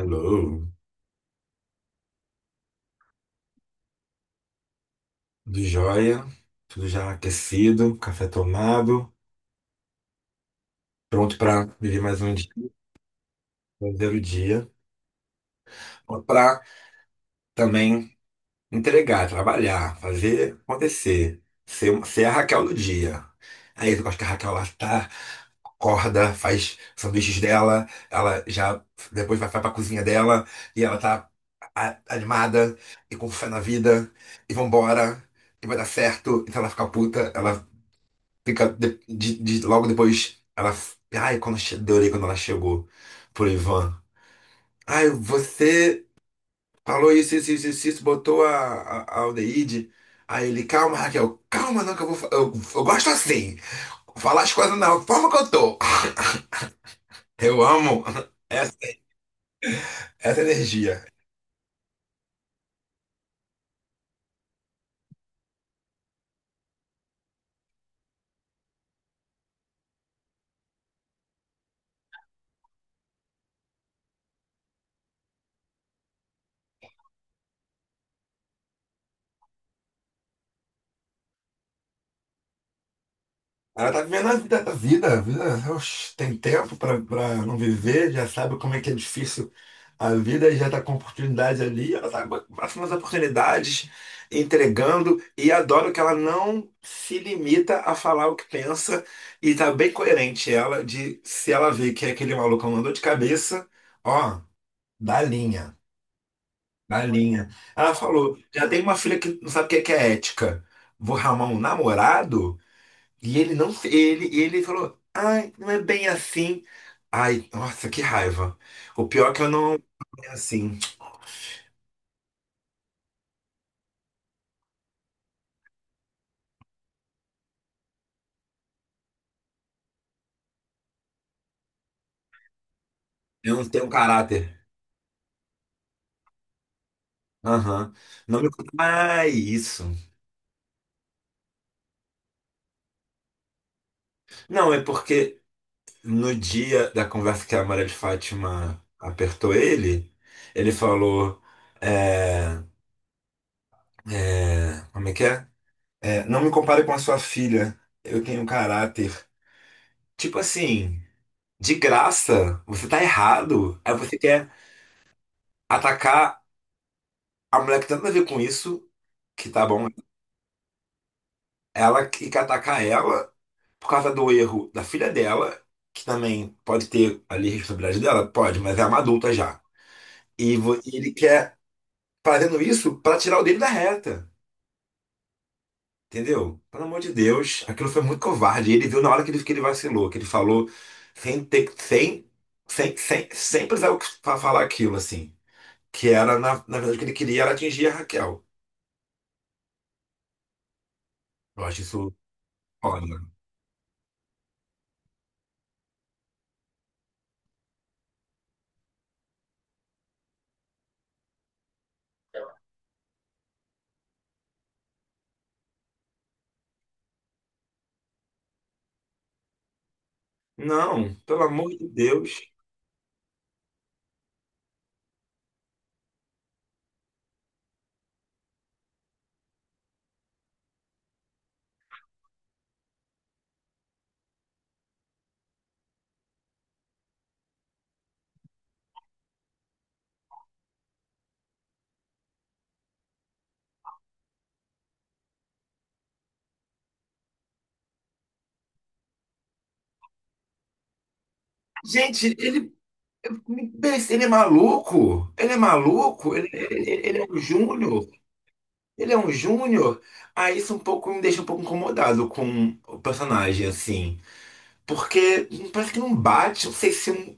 Alô, tudo jóia? Tudo já aquecido, café tomado, pronto para viver mais um dia, fazer o dia, para também entregar, trabalhar, fazer acontecer, ser a Raquel do dia. Aí eu gosto que a Raquel lá tá, acorda, faz sanduíches dela, ela já depois vai para a cozinha dela e ela tá animada e com fé na vida e vambora. E vai dar certo, então ela fica puta, ela fica logo depois, ela. Ai, adorei quando ela chegou pro Ivan. Ai, você falou isso, isso, isso, isso, isso, botou a aldeíde. Aí ele, calma, Raquel, calma, não, que eu vou. Eu gosto assim. Falar as coisas na forma que eu tô. Eu amo essa, essa energia. Ela tá vivendo a vida, a vida, a vida, oxe, tem tempo pra não viver, já sabe como é que é difícil a vida e já tá com oportunidades ali, ela tá com as oportunidades, entregando, e adoro que ela não se limita a falar o que pensa, e tá bem coerente ela, de se ela vê que aquele maluco andou de cabeça, ó, dá linha, dá linha. Ela falou, já tem uma filha que não sabe o que é ética, vou arrumar um namorado? E ele não se. Ele falou, ai, não é bem assim. Ai, nossa, que raiva. O pior é que eu não. É assim, eu não tenho caráter. Aham. Não me conta. Ah, isso. Não, é porque no dia da conversa que a Maria de Fátima apertou ele, ele falou: é, como é que é? É, não me compare com a sua filha, eu tenho caráter. Tipo assim, de graça, você tá errado. Aí você quer atacar a mulher que tem nada a ver com isso, que tá bom, ela que atacar ela por causa do erro da filha dela, que também pode ter ali responsabilidade dela, pode, mas é uma adulta já. E ele quer fazendo isso pra tirar o dele da reta, entendeu? Pelo amor de Deus, aquilo foi muito covarde. E ele viu na hora que ele vacilou, que ele falou sem ter, sem, sem, sem, sem precisar falar aquilo, assim. Que era, na verdade, o que ele queria era atingir a Raquel. Eu acho isso foda. Não, pelo amor de Deus. Gente, ele é maluco, ele é um júnior. ele é um júnior. Aí isso um pouco me deixa um pouco incomodado com o personagem, assim. Porque parece que não bate, não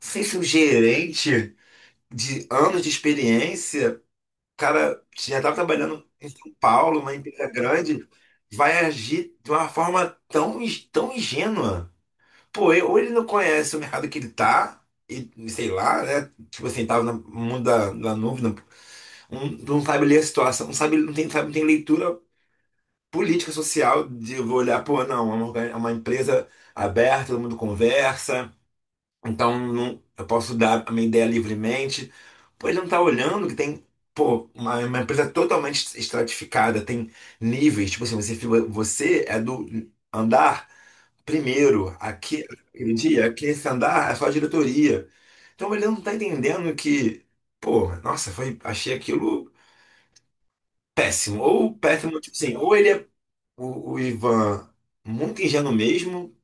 sei se um gerente de anos de experiência, cara, já estava trabalhando em São Paulo, uma empresa grande, vai agir de uma forma tão ingênua. Pô, ou ele não conhece o mercado que ele tá, e sei lá, né? Tipo assim, tava no mundo da nuvem, não, não sabe ler a situação, não sabe, não tem, sabe, não tem leitura política, social, de eu vou olhar, pô, não, é uma empresa aberta, todo mundo conversa, então não, eu posso dar a minha ideia livremente. Pô, ele não tá olhando que tem, pô, uma empresa totalmente estratificada, tem níveis, tipo assim, você é do andar. Primeiro, aqui, aquele dia, aqui esse andar é só a diretoria. Então ele não tá entendendo que, pô, nossa, foi, achei aquilo péssimo. Ou péssimo, tipo assim, ou ele é o Ivan muito ingênuo mesmo,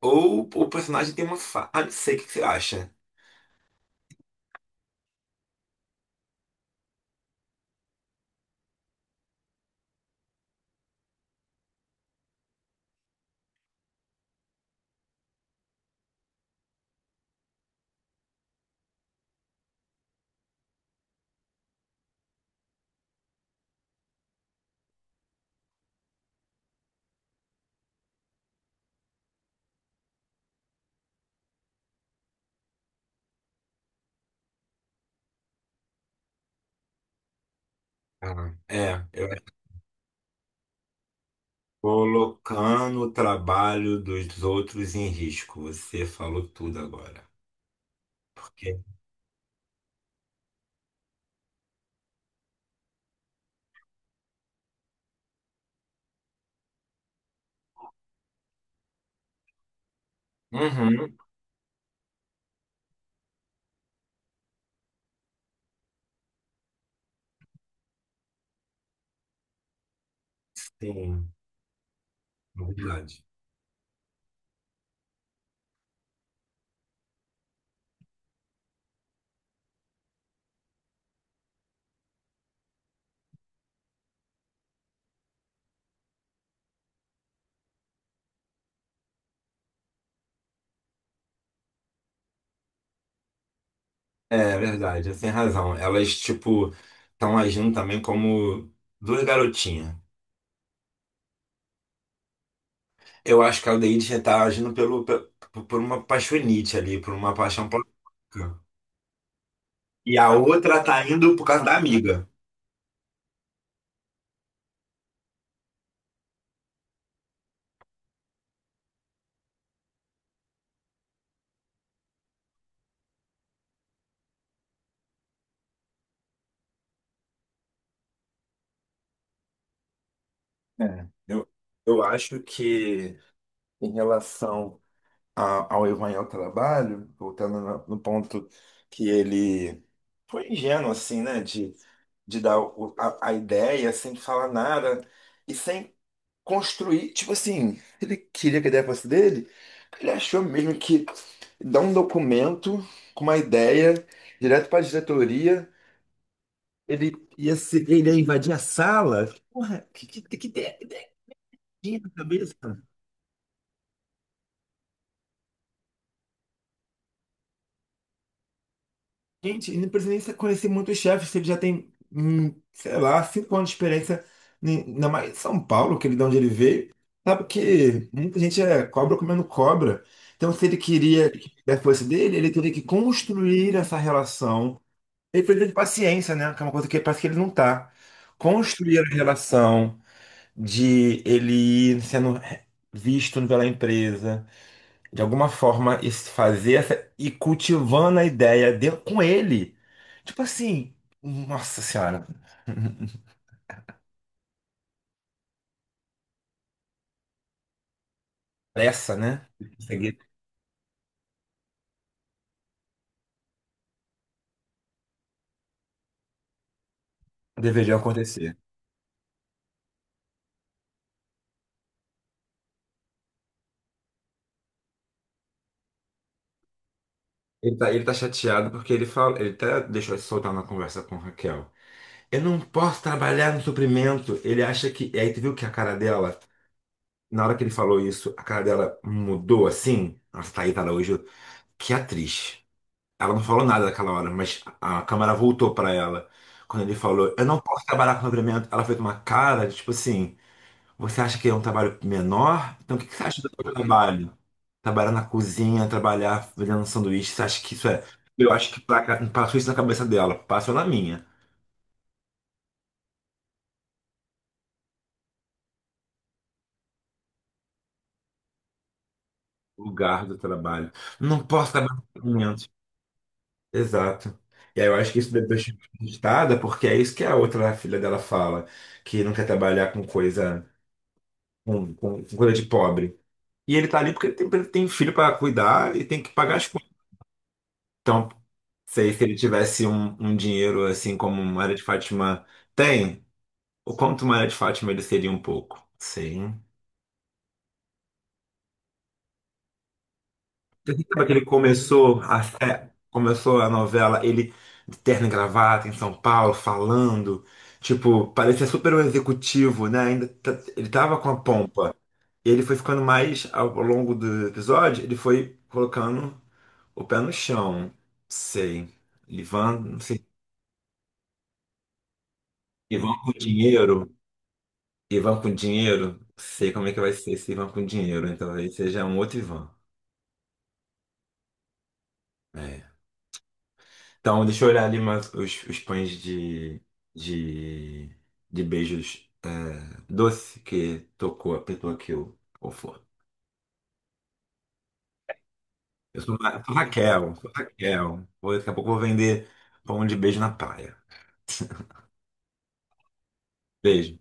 ou o personagem tem uma fa... Ah, não sei o que que você acha. Ah, é, eu acho que colocando o trabalho dos outros em risco. Você falou tudo agora. Porque... Uhum, sim, é verdade. É verdade, você tem razão. Elas, tipo, estão agindo também como duas garotinhas. Eu acho que a Aldeide já tá agindo por uma paixonite ali, por uma paixão platônica. E a outra tá indo por causa da amiga. É. Eu acho que em relação ao Evan ao trabalho, voltando no ponto que ele foi ingênuo, assim, né? De dar a ideia sem falar nada e sem construir, tipo assim, ele queria que a ideia fosse dele, ele achou mesmo que dar um documento com uma ideia direto para a diretoria, ele ia se, ele ia invadir a sala. Porra, que ideia na cabeça? Gente, e não precisa nem conhecer muitos chefes, se ele já tem, sei lá, 5 anos de experiência, ainda mais em São Paulo, que ele de onde ele veio. Sabe que muita gente é cobra comendo cobra. Então, se ele queria que fosse dele, ele teria que construir essa relação. Ele precisa de paciência, né? Que é uma coisa que parece que ele não tá. Construir a relação de ele ir sendo visto pela empresa de alguma forma fazer essa e cultivando a ideia dele com ele. Tipo assim, nossa senhora, pressa, né? Conseguir deveria acontecer. Ele tá chateado porque ele fala, ele até deixou de soltar na conversa com Raquel. Eu não posso trabalhar no suprimento. Ele acha que. E aí tu viu que a cara dela, na hora que ele falou isso, a cara dela mudou assim. Nossa, Thaís Araújo, que atriz. Ela não falou nada naquela hora, mas a câmera voltou pra ela. Quando ele falou, eu não posso trabalhar com dobramento, ela fez uma cara de tipo assim: você acha que é um trabalho menor? Então o que que você acha do meu trabalho? Trabalhar na cozinha, trabalhar vendendo sanduíche, você acha que isso é. Eu acho que passou isso na cabeça dela, passou na minha. Lugar do trabalho. Não posso trabalhar com documentos. Exato. E aí eu acho que isso depois de registrada, porque é isso que a outra filha dela fala, que não quer trabalhar com coisa, com coisa de pobre. E ele tá ali porque ele tem filho para cuidar e tem que pagar as contas. Então, sei se ele tivesse um dinheiro assim como Maria de Fátima tem, o quanto Maria de Fátima ele seria um pouco. Sim. Você lembra que ele começou a, é, começou a novela, ele de terno e gravata em São Paulo, falando, tipo, parecia super um executivo, né? Ainda ele tava com a pompa. E ele foi ficando mais ao longo do episódio, ele foi colocando o pé no chão, sei. Ivan, não sei. Ivan com dinheiro. Ivan com dinheiro. Sei como é que vai ser esse Ivan com dinheiro. Então, talvez seja um outro Ivan. É. Então, deixa eu olhar ali mais os pães de, de beijos é, doce que tocou, apertou aqui o flor. Eu sou, sou Raquel, sou Raquel. Daqui a pouco eu vou vender pão de beijo na praia. Beijo.